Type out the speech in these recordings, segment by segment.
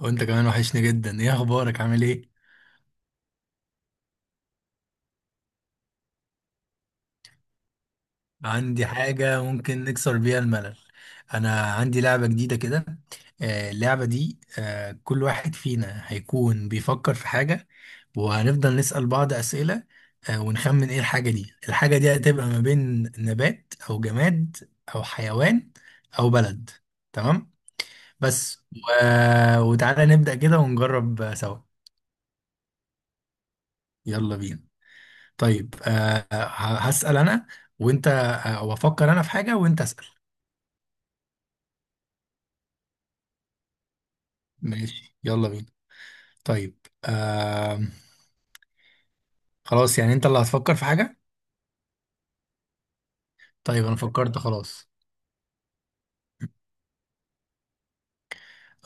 وانت كمان وحشني جدا. ايه اخبارك؟ عامل ايه؟ عندي حاجة ممكن نكسر بيها الملل. انا عندي لعبة جديدة كده. اللعبة دي كل واحد فينا هيكون بيفكر في حاجة. وهنفضل نسأل بعض أسئلة. ونخمن ايه الحاجة دي. الحاجة دي هتبقى ما بين نبات او جماد او حيوان او بلد. تمام. بس، وتعالى نبدأ كده ونجرب سوا. يلا بينا. طيب. هسأل أنا وأنت. وأفكر أنا في حاجة وأنت أسأل. ماشي، يلا بينا. طيب. آه. خلاص، يعني أنت اللي هتفكر في حاجة. طيب، أنا فكرت خلاص.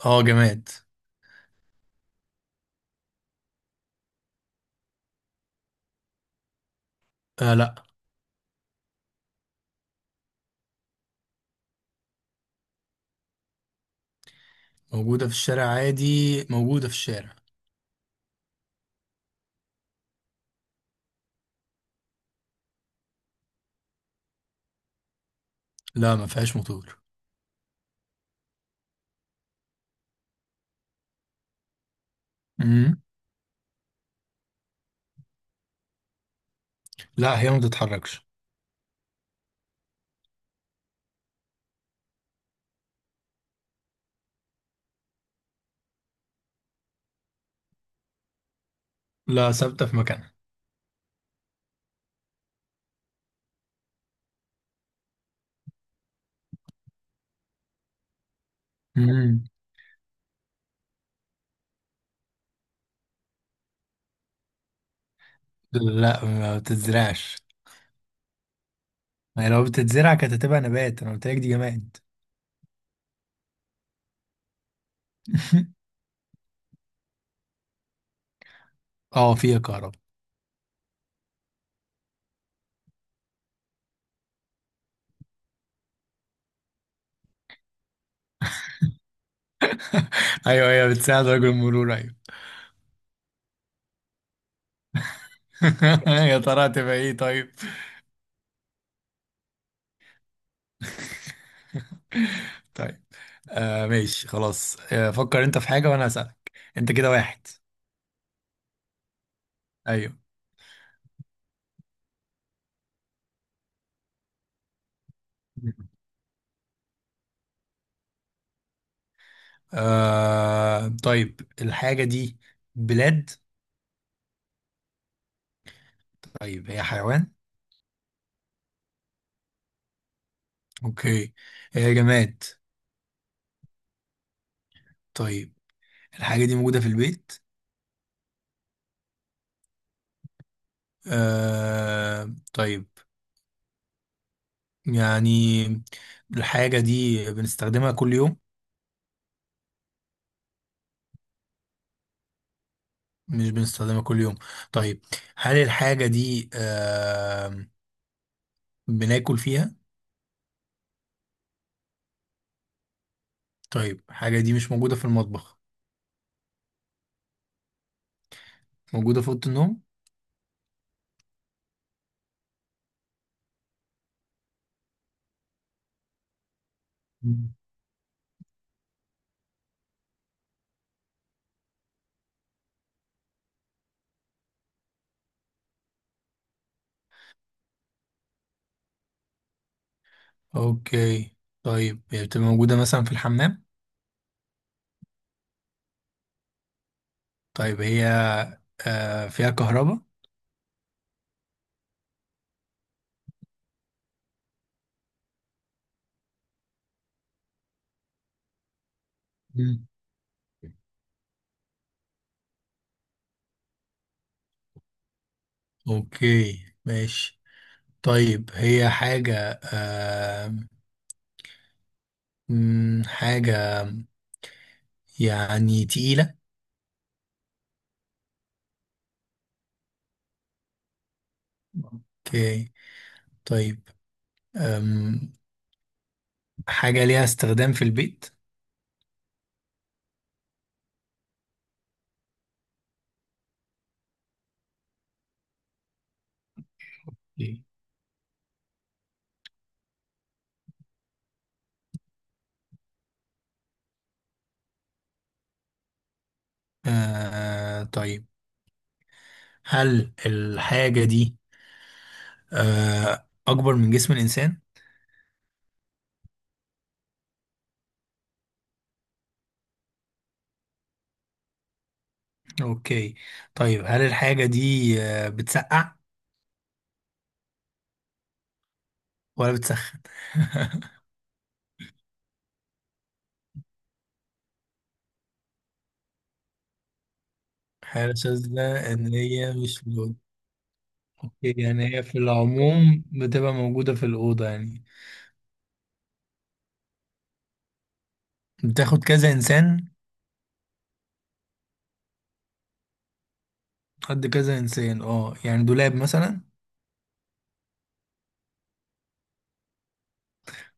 أه، جماد. آه، لأ. موجودة في الشارع عادي. موجودة في الشارع. لا، ما فيهاش موتور. مم. لا، هي ما بتتحركش. لا، ثابتة في مكانها. مم. لا، ما بتتزرعش. ما هي لو بتتزرع كانت هتبقى نبات. أنا قلت لك دي جماد. أه، فيها كهرباء. أيوه، أيوه، بتساعد رجل المرور. أيوه. يا ترى هتبقى ايه؟ طيب. طيب. ماشي. خلاص. فكر انت في حاجة وانا هسألك. انت كده واحد. ايوه. طيب. الحاجة دي بلاد؟ طيب، هي حيوان؟ اوكي. هي جماد؟ طيب. الحاجة دي موجودة في البيت؟ آه، طيب. يعني، الحاجة دي بنستخدمها كل يوم؟ مش بنستخدمها كل يوم. طيب. هل الحاجة دي بناكل فيها؟ طيب، الحاجة دي مش موجودة في المطبخ؟ موجودة في أوضة النوم؟ مم. اوكي. طيب، هي بتبقى موجودة مثلا في الحمام؟ طيب، هي فيها كهرباء؟ مم. اوكي، ماشي. طيب، هي حاجة حاجة يعني تقيلة؟ اوكي. طيب. أم حاجة ليها استخدام في البيت؟ إيه. آه، طيب. هل الحاجة دي أكبر من جسم الإنسان؟ اوكي. طيب، هل الحاجة دي بتسقع ولا بتسخن؟ حاجة شاذة ان هي مش في الأوضة. اوكي، يعني هي في العموم بتبقى موجودة في الأوضة يعني؟ بتاخد كذا انسان. قد كذا انسان. اه، يعني دولاب مثلا؟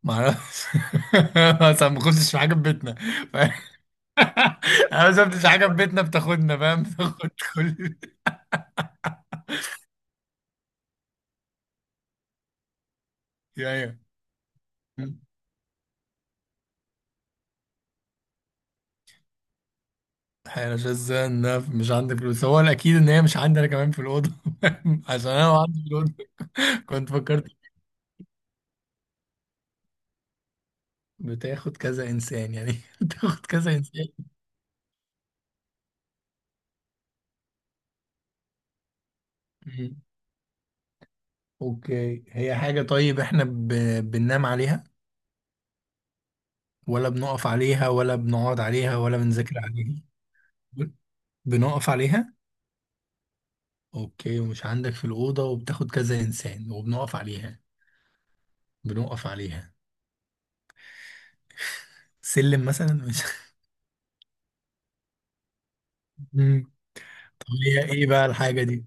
معرفش. اصلا ما كنتش في حاجة في بيتنا. ف- انا ما شفتش حاجة في بيتنا بتاخدنا، فاهم؟ بتاخد كل. ايوه. انا مش، ازاي ان أنا مش عندي فلوس؟ هو الاكيد ان هي مش عندي انا كمان في الاوضه. عشان انا لو عندي في الاوضه، كنت فكرت. بتاخد كذا انسان يعني. بتاخد كذا انسان. مم. اوكي، هي حاجه. طيب احنا بننام عليها؟ ولا بنقف عليها ولا بنقعد عليها ولا بنذاكر عليها؟ بنقف عليها. اوكي، ومش عندك في الاوضه وبتاخد كذا انسان وبنقف عليها. بنقف عليها. سلم مثلا؟ مش. مم. طب هي ايه بقى الحاجه دي؟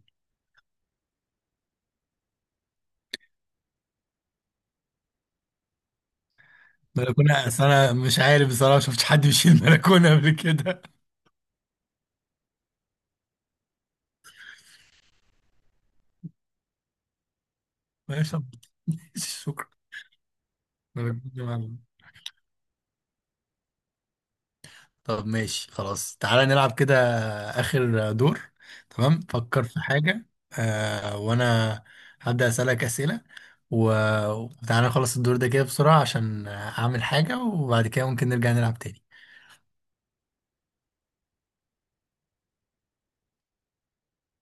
بلكونة؟ أصل أنا مش عارف، بصراحة شفتش حد بيشيل بلكونة قبل كده. ماشي. شكرا. بلكونة معلومة. طب، ماشي، خلاص. تعالى نلعب كده. آخر دور. تمام. فكر في حاجة. وأنا هبدأ أسألك أسئلة. وتعالى نخلص الدور ده كده بسرعة عشان أعمل حاجة. وبعد كده ممكن نرجع نلعب تاني.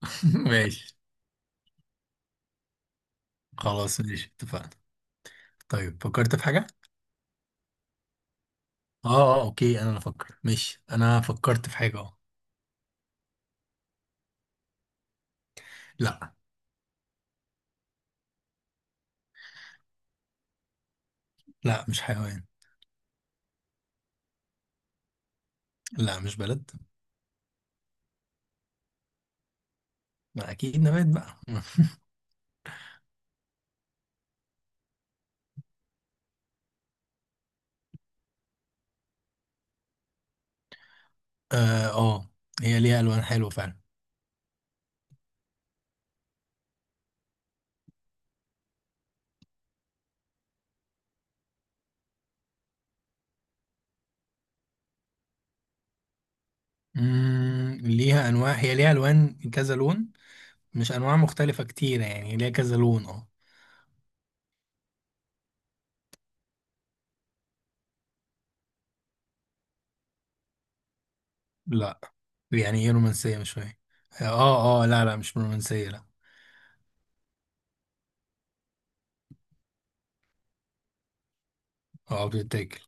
ماشي. خلاص، ماشي، اتفقنا. طيب، فكرت في حاجة؟ اه. اه، اوكي، انا اللي افكر. ماشي، انا فكرت في حاجة. اه. لا، لا، مش حيوان. لا، مش بلد. ما اكيد نبات بقى. اه. هي ليها الوان حلوه فعلا. ليها انواع. هي ليها الوان كذا لون. مش انواع مختلفه كتيره، يعني ليها كذا لون. اه. لا. يعني ايه رومانسيه؟ مش فاهم. اه، اه، لا، لا، مش رومانسيه، لا. اه، بتتاكل.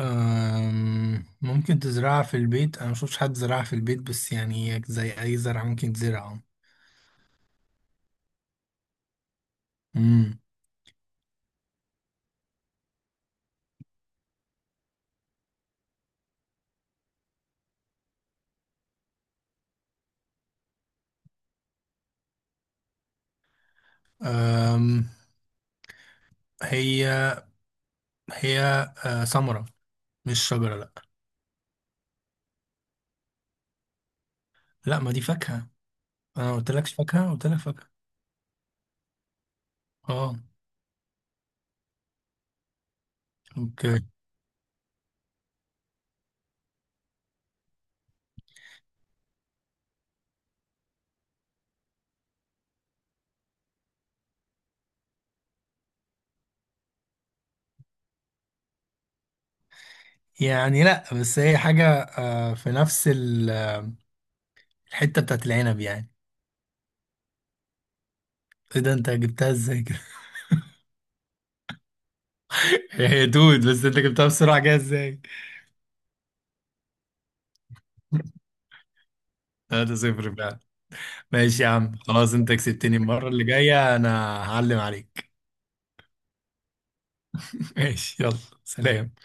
ممكن تزرعها في البيت. انا مشوفش حد زرعها في البيت، بس يعني هي زي اي زرعه ممكن تزرعها. امم. هي هي ثمره. مش شجره، لا. لا، ما دي فاكهه. انا قلت لك فاكهه، قلت لك فاكهه. اه. اوكي. يعني لا، بس هي حاجه في نفس الحته بتاعت العنب يعني. ايه ده؟ انت جبتها ازاي كده؟ هي دود، بس انت جبتها بسرعه كده ازاي؟ هذا صفر فعلا. ماشي يا عم، خلاص. انت كسبتني. المره اللي جايه انا. هعلم عليك. ماشي، يلا. سلام.